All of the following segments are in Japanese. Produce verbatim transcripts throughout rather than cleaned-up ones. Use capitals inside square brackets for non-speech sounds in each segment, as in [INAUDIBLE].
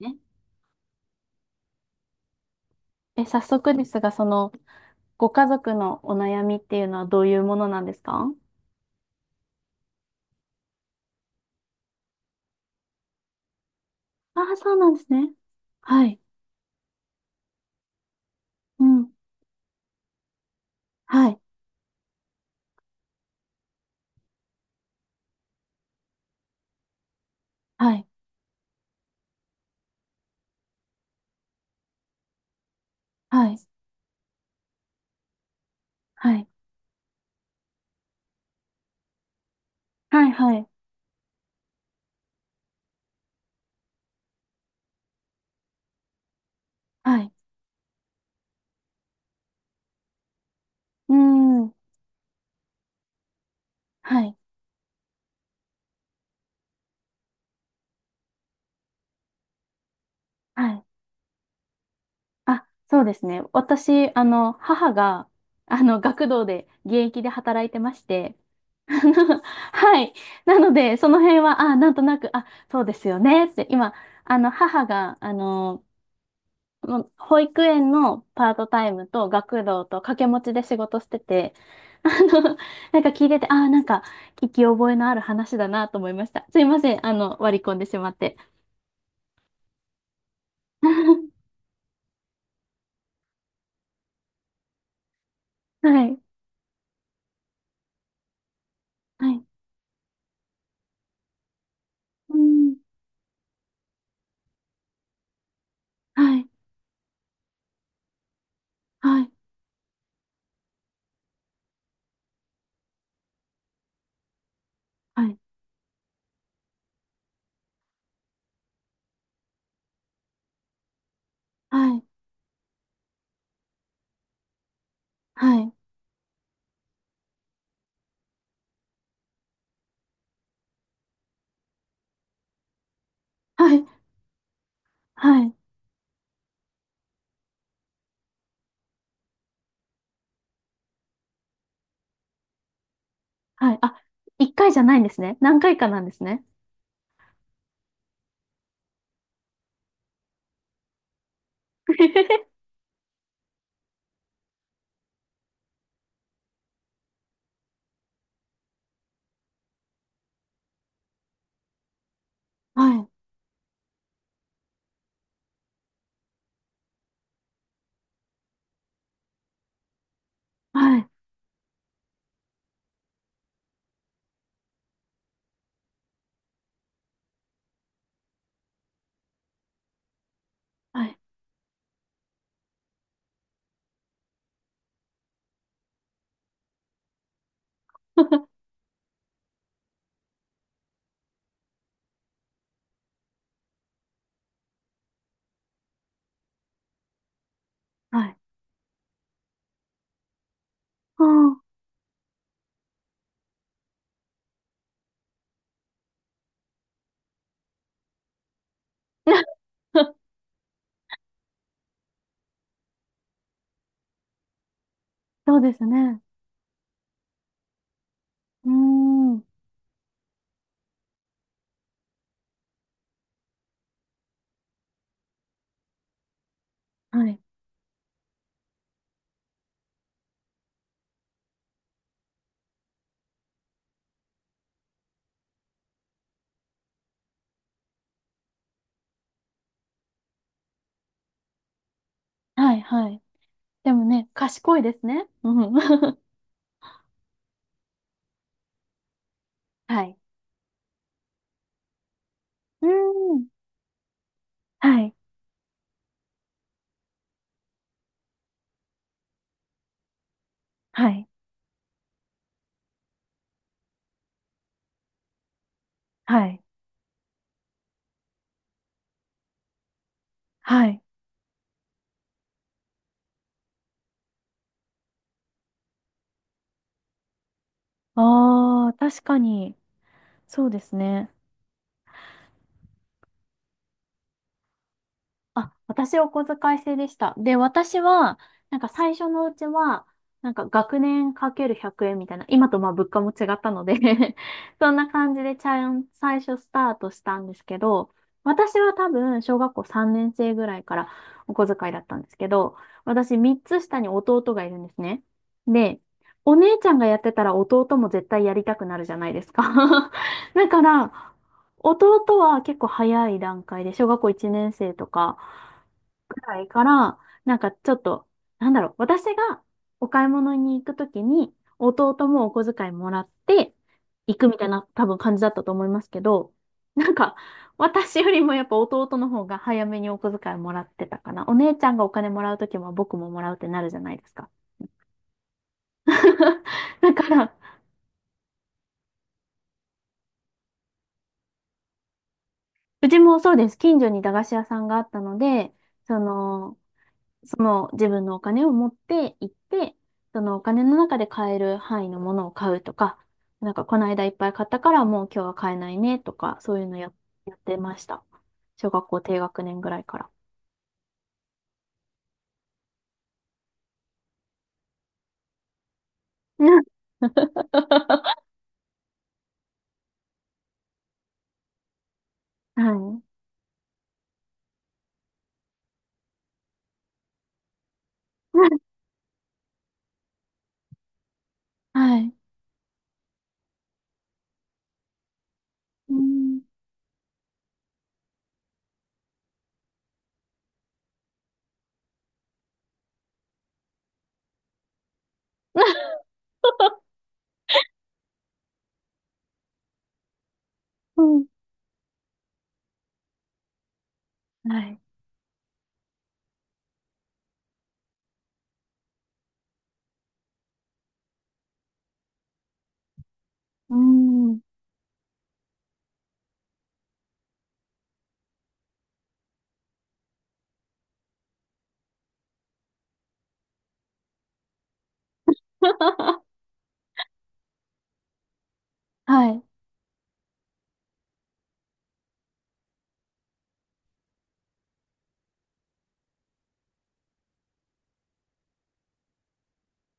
ね。え、早速ですが、その、ご家族のお悩みっていうのはどういうものなんですか？ああ、そうなんですね。はい。うん。はい。はい。はい。はい。はい。はい。はい。うーん。はい。はい。あ、そうですね。私、あの、母が、あの、学童で、現役で働いてまして、[LAUGHS] あのはい。なので、その辺は、あ、なんとなく、あ、そうですよね。って、今、あの、母が、あの、もう保育園のパートタイムと学童と掛け持ちで仕事してて、[LAUGHS] あの、なんか聞いてて、ああ、なんか聞き覚えのある話だなと思いました。すいません、あの、割り込んでしまって。[LAUGHS] はい、はい、うん、はい、はい、はい、はい、はい、はい、はい、はい、あ、一回じゃないんですね。何回かなんですね。[LAUGHS] はい、はい、はい、[LAUGHS] はい、あー [LAUGHS] そうですね。うーん、はい、はい、はい。でもね、賢いですね。うん。[LAUGHS] はい。うーん。はい。はい。はい。はい。ああ、確かに。そうですね。あ、私お小遣い制でした。で、私は、なんか最初のうちは、なんか学年かけるひゃくえんみたいな、今とまあ物価も違ったので [LAUGHS] そんな感じでちゃん、最初スタートしたんですけど、私は多分小学校さんねん生ぐらいからお小遣いだったんですけど、私みっつ下に弟がいるんですね。で、お姉ちゃんがやってたら弟も絶対やりたくなるじゃないですか [LAUGHS] だから、弟は結構早い段階で、小学校いちねん生とかぐらいから、なんかちょっと、なんだろう、私がお買い物に行くときに、弟もお小遣いもらって行くみたいな多分感じだったと思いますけど、なんか私よりもやっぱ弟の方が早めにお小遣いもらってたかな。お姉ちゃんがお金もらうときも僕ももらうってなるじゃないですか。[LAUGHS] だから、うちもそうです。近所に駄菓子屋さんがあったので、その、その自分のお金を持って行って、そのお金の中で買える範囲のものを買うとか、なんかこの間いっぱい買ったからもう今日は買えないねとか、そういうのや、やってました。小学校低学年ぐらいから。[LAUGHS] はい。はい。うん。うん。はい。うん。[LAUGHS] はい。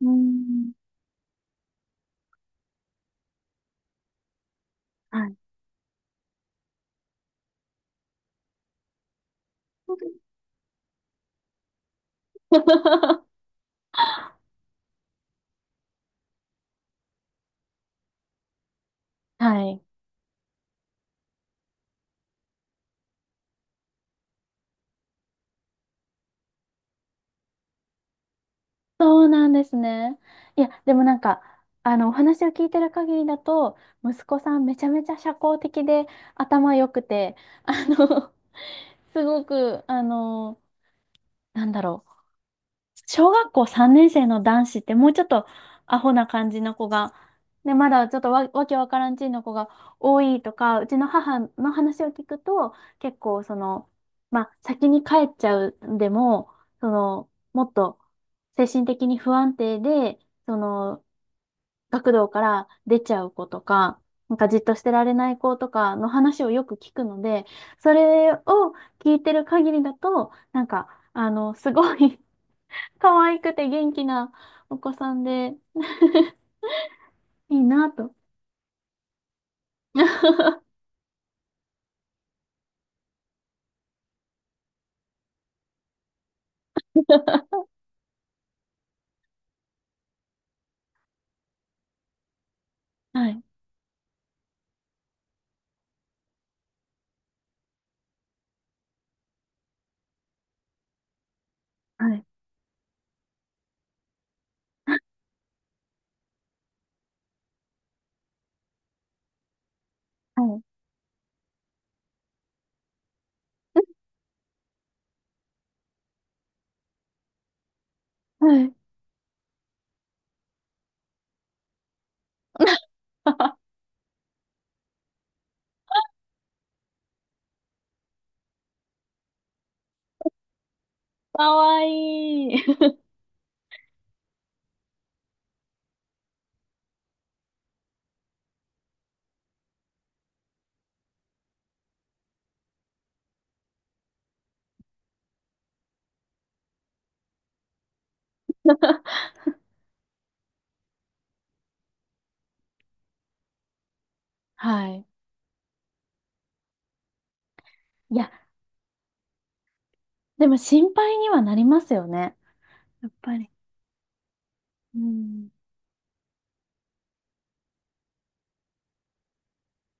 うん。はい。[LAUGHS] はい。そうなんですね。いや、でもなんか、あの、お話を聞いてる限りだと、息子さんめちゃめちゃ社交的で頭良くて、あの、[LAUGHS] すごく、あの、なんだろう。小学校さんねん生の男子ってもうちょっとアホな感じの子が、ね、まだちょっとわ、わけわからんちんの子が多いとか、うちの母の話を聞くと、結構その、まあ、先に帰っちゃうでも、その、もっと精神的に不安定で、その、学童から出ちゃう子とか、なんかじっとしてられない子とかの話をよく聞くので、それを聞いてる限りだと、なんか、あの、すごい可愛くて元気なお子さんで、[LAUGHS] いいなと。[LAUGHS] はい。はい。はい。はい。[LAUGHS] かわいい。[LAUGHS] はい。いや、でも心配にはなりますよね。やっぱり。うん。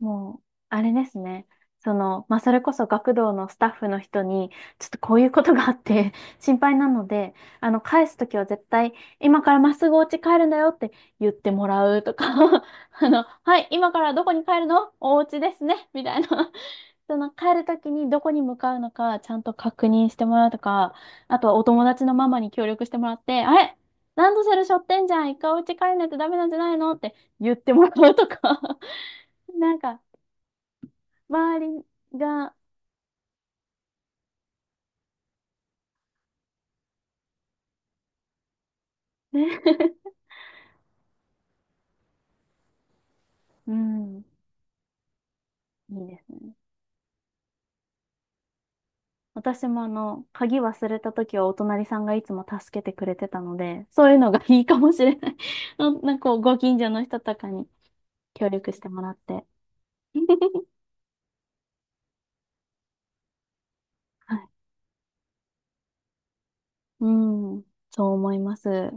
もう、あれですね。その、まあ、それこそ学童のスタッフの人に、ちょっとこういうことがあって [LAUGHS] 心配なので、あの、返すときは絶対、今からまっすぐお家帰るんだよって言ってもらうとか [LAUGHS] あの、はい、今からどこに帰るのお家ですね、みたいな [LAUGHS] その、帰るときにどこに向かうのか、ちゃんと確認してもらうとか、あとはお友達のママに協力してもらって、あれランドセル背負ってんじゃん、一回お家帰んないとダメなんじゃないのって言ってもらうとか [LAUGHS] なんか、周りが、ね [LAUGHS] うん、いいですね。私もあの、鍵忘れた時はお隣さんがいつも助けてくれてたので、そういうのがいいかもしれない。[LAUGHS] ななんかこうご近所の人とかに協力してもらって。[LAUGHS] はい。うん、そう思います。